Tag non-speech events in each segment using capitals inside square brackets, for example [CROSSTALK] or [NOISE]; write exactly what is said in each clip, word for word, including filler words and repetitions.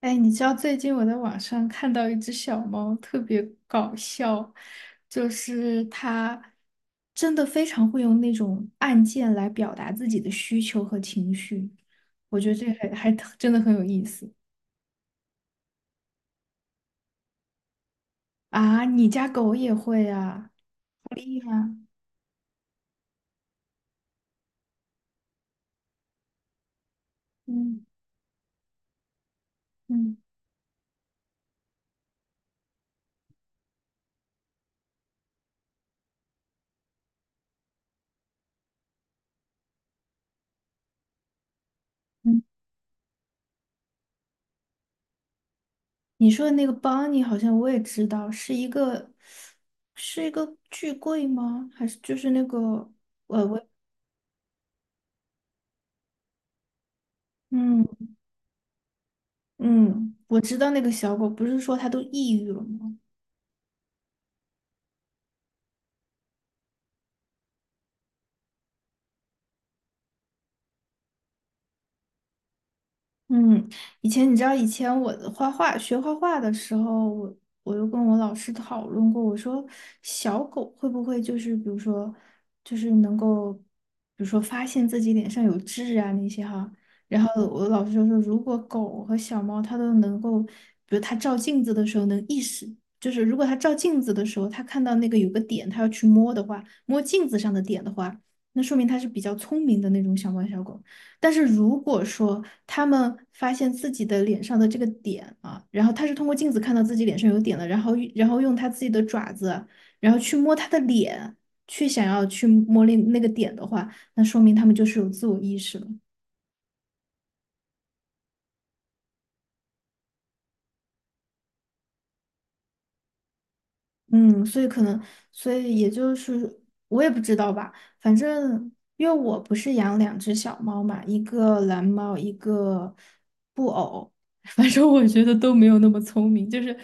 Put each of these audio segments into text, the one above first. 哎，你知道最近我在网上看到一只小猫，特别搞笑，就是它真的非常会用那种按键来表达自己的需求和情绪，我觉得这还还真的很有意思啊！你家狗也会啊？嗯嗯嗯，你说的那个邦尼好像我也知道，是一个是一个巨贵吗？还是就是那个嗯嗯，我知道那个小狗，不是说它都抑郁了吗？嗯，以前你知道，以前我画画学画画的时候，我我又跟我老师讨论过，我说小狗会不会就是比如说就是能够，比如说发现自己脸上有痣啊那些哈，然后我老师就说，如果狗和小猫它都能够，比如它照镜子的时候能意识，就是如果它照镜子的时候，它看到那个有个点，它要去摸的话，摸镜子上的点的话，那说明它是比较聪明的那种小猫小狗。但是如果说他们发现自己的脸上的这个点啊，然后他是通过镜子看到自己脸上有点的，然后然后用他自己的爪子，然后去摸他的脸，去想要去摸那那个点的话，那说明他们就是有自我意识了。嗯，所以可能，所以也就是我也不知道吧，反正因为我不是养两只小猫嘛，一个蓝猫，一个布偶，[LAUGHS] 反正我觉得都没有那么聪明，就是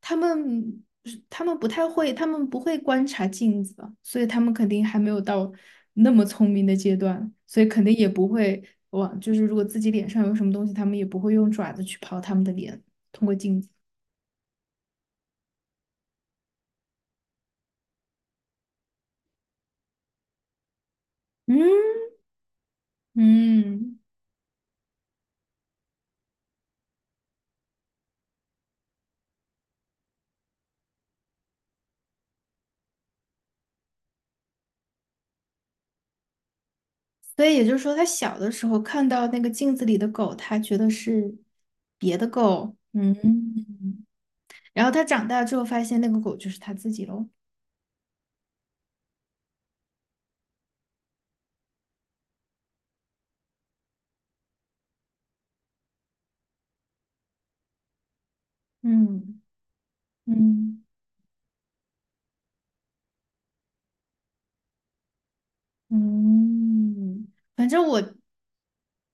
他们他们不太会，他们不会观察镜子，所以他们肯定还没有到那么聪明的阶段，所以肯定也不会往，就是如果自己脸上有什么东西，他们也不会用爪子去刨他们的脸，通过镜子。嗯嗯。所以也就是说，他小的时候看到那个镜子里的狗，他觉得是别的狗，嗯，然后他长大之后发现那个狗就是他自己喽，嗯嗯嗯，反正我，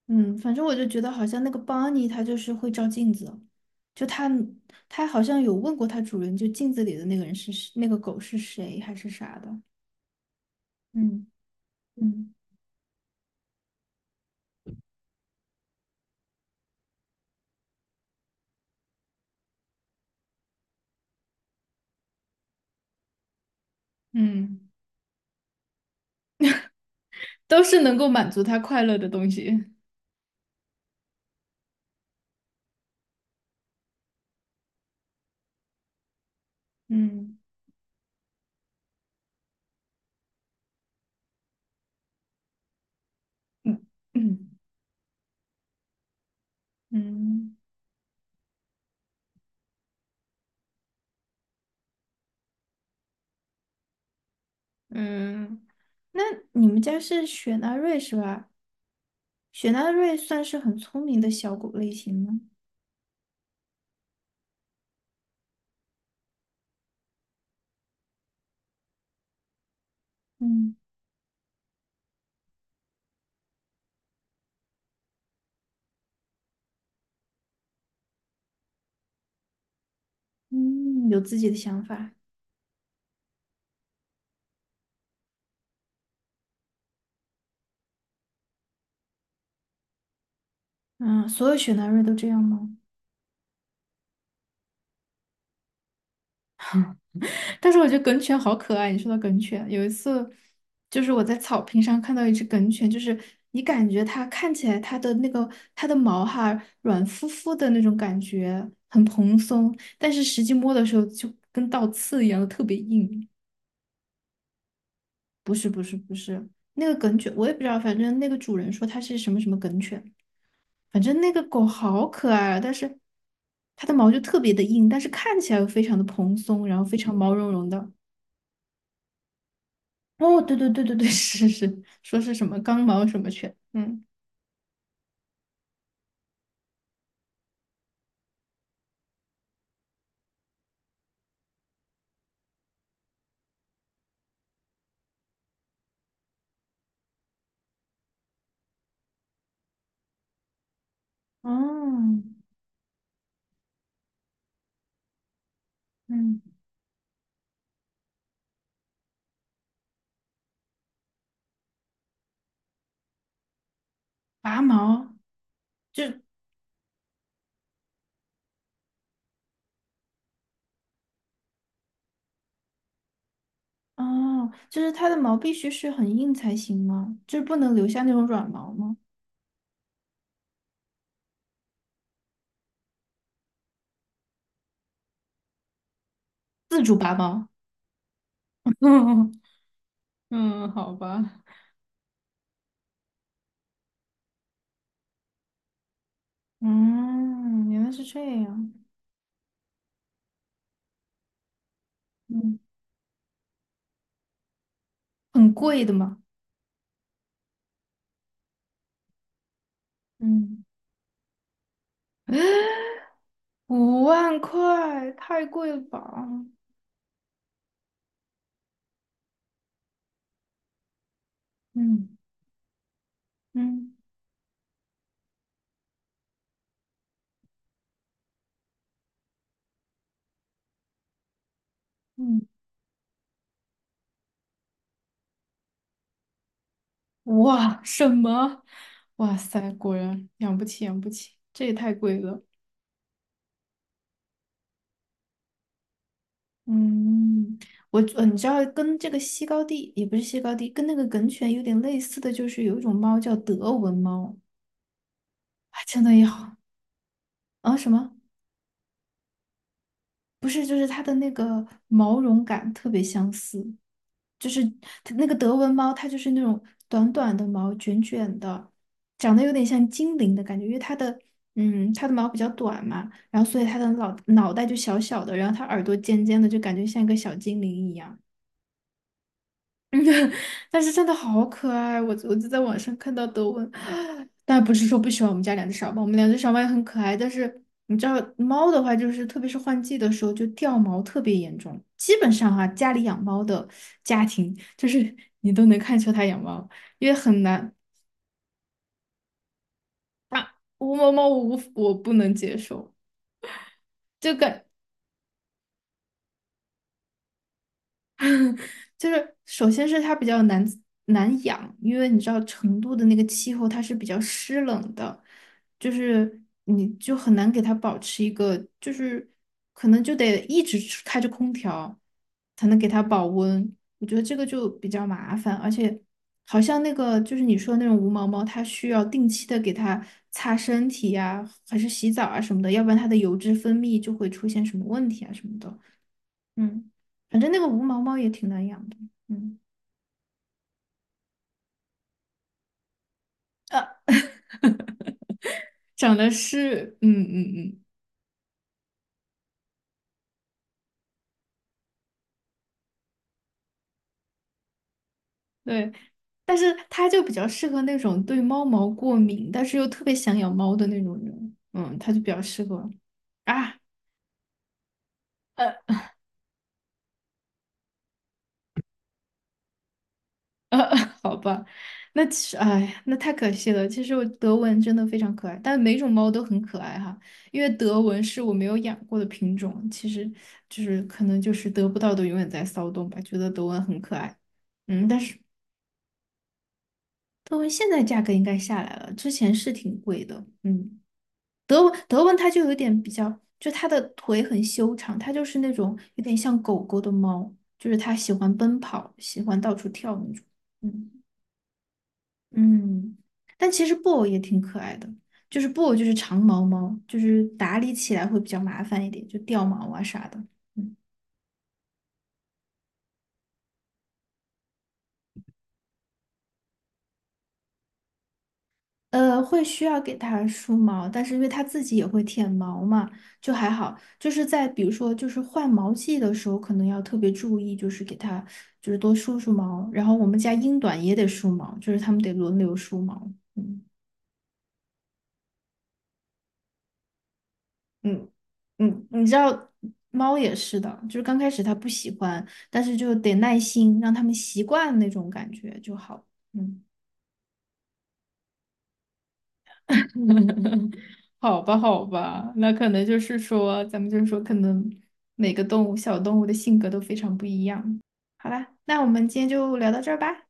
嗯，反正我就觉得好像那个邦尼他就是会照镜子，就他他好像有问过他主人，就镜子里的那个人是谁那个狗是谁还是啥的，嗯嗯嗯，都是能够满足他快乐的东西，嗯嗯嗯。嗯嗯，那你们家是雪纳瑞是吧？雪纳瑞算是很聪明的小狗类型吗？嗯嗯，有自己的想法。嗯，所有雪纳瑞都这样吗？但是我觉得梗犬好可爱。你说到梗犬，有一次就是我在草坪上看到一只梗犬，就是你感觉它看起来它的那个它的毛哈软乎乎的那种感觉，很蓬松，但是实际摸的时候就跟倒刺一样的特别硬。那个梗犬，我也不知道，反正那个主人说它是什么什么梗犬，反正那个狗好可爱啊，但是它的毛就特别的硬，但是看起来又非常的蓬松，然后非常毛茸茸的。哦，对对对对对，[LAUGHS] 是是，说是什么刚毛什么犬，嗯，哦，嗯，拔毛就哦，就是它的毛必须是很硬才行吗？就是不能留下那种软毛吗？自主拔毛。[LAUGHS] 嗯，好吧。嗯，原来是这样。嗯。很贵的嘛，嗯 [GASPS] 五万块太贵了吧？嗯嗯嗯，哇，什么？哇塞，果然养不起，养不起，这也太贵了。嗯，我呃你知道跟这个西高地也不是西高地，跟那个梗犬有点类似的就是有一种猫叫德文猫，啊，真的也好啊什么？不是，就是它的那个毛绒感特别相似。就是它那个德文猫，它就是那种短短的毛，卷卷的，长得有点像精灵的感觉，因为它的嗯它的毛比较短嘛，然后所以它的脑脑袋就小小的，然后它耳朵尖尖的，就感觉像一个小精灵一样。但是真的好可爱，我我就在网上看到德文，[GASPS] 但不是说不喜欢我们家两只小猫，我们两只小猫也很可爱，但是你知道猫的话，就是特别是换季的时候就掉毛特别严重，基本上哈、家里养猫的家庭，就是 [LAUGHS] 你都能看出它养猫，因为很难，无毛猫我无我不能接受，就感就是首先是它比较难难养，因为你知道成都的那个气候它是比较湿冷的，就是你就很难给它保持一个，就是可能就得一直开着空调才能给它保温，我觉得这个就比较麻烦，而且好像那个就是你说的那种无毛猫，它需要定期的给它擦身体呀、还是洗澡啊什么的，要不然它的油脂分泌就会出现什么问题啊什么的。嗯，反正那个无毛猫也挺难养的。嗯，呃，长得是，嗯嗯嗯，对，但是它就比较适合那种对猫毛过敏，但是又特别想养猫的那种人。嗯，它就比较适合啊，呃呃，[LAUGHS] 好吧，那其实，哎呀那太可惜了。其实我德文真的非常可爱，但每种猫都很可爱哈。因为德文是我没有养过的品种，其实就是可能就是得不到的永远在骚动吧，觉得德文很可爱。嗯，但是德文现在价格应该下来了，之前是挺贵的。嗯，德文德文它就有点比较，就它的腿很修长，它就是那种有点像狗狗的猫，就是它喜欢奔跑，喜欢到处跳那种。嗯嗯，但其实布偶也挺可爱的，就是布偶就是长毛猫，就是打理起来会比较麻烦一点，就掉毛啊啥的。嗯呃，会需要给它梳毛，但是因为它自己也会舔毛嘛，就还好。就是在比如说，就是换毛季的时候，可能要特别注意，就是给它就是多梳梳毛。然后我们家英短也得梳毛，就是它们得轮流梳毛。嗯嗯嗯，你知道猫也是的，就是刚开始它不喜欢，但是就得耐心让它们习惯那种感觉就好。嗯。[LAUGHS] 好吧，好吧，那可能就是说，咱们就是说，可能每个动物、小动物的性格都非常不一样。好啦，那我们今天就聊到这儿吧。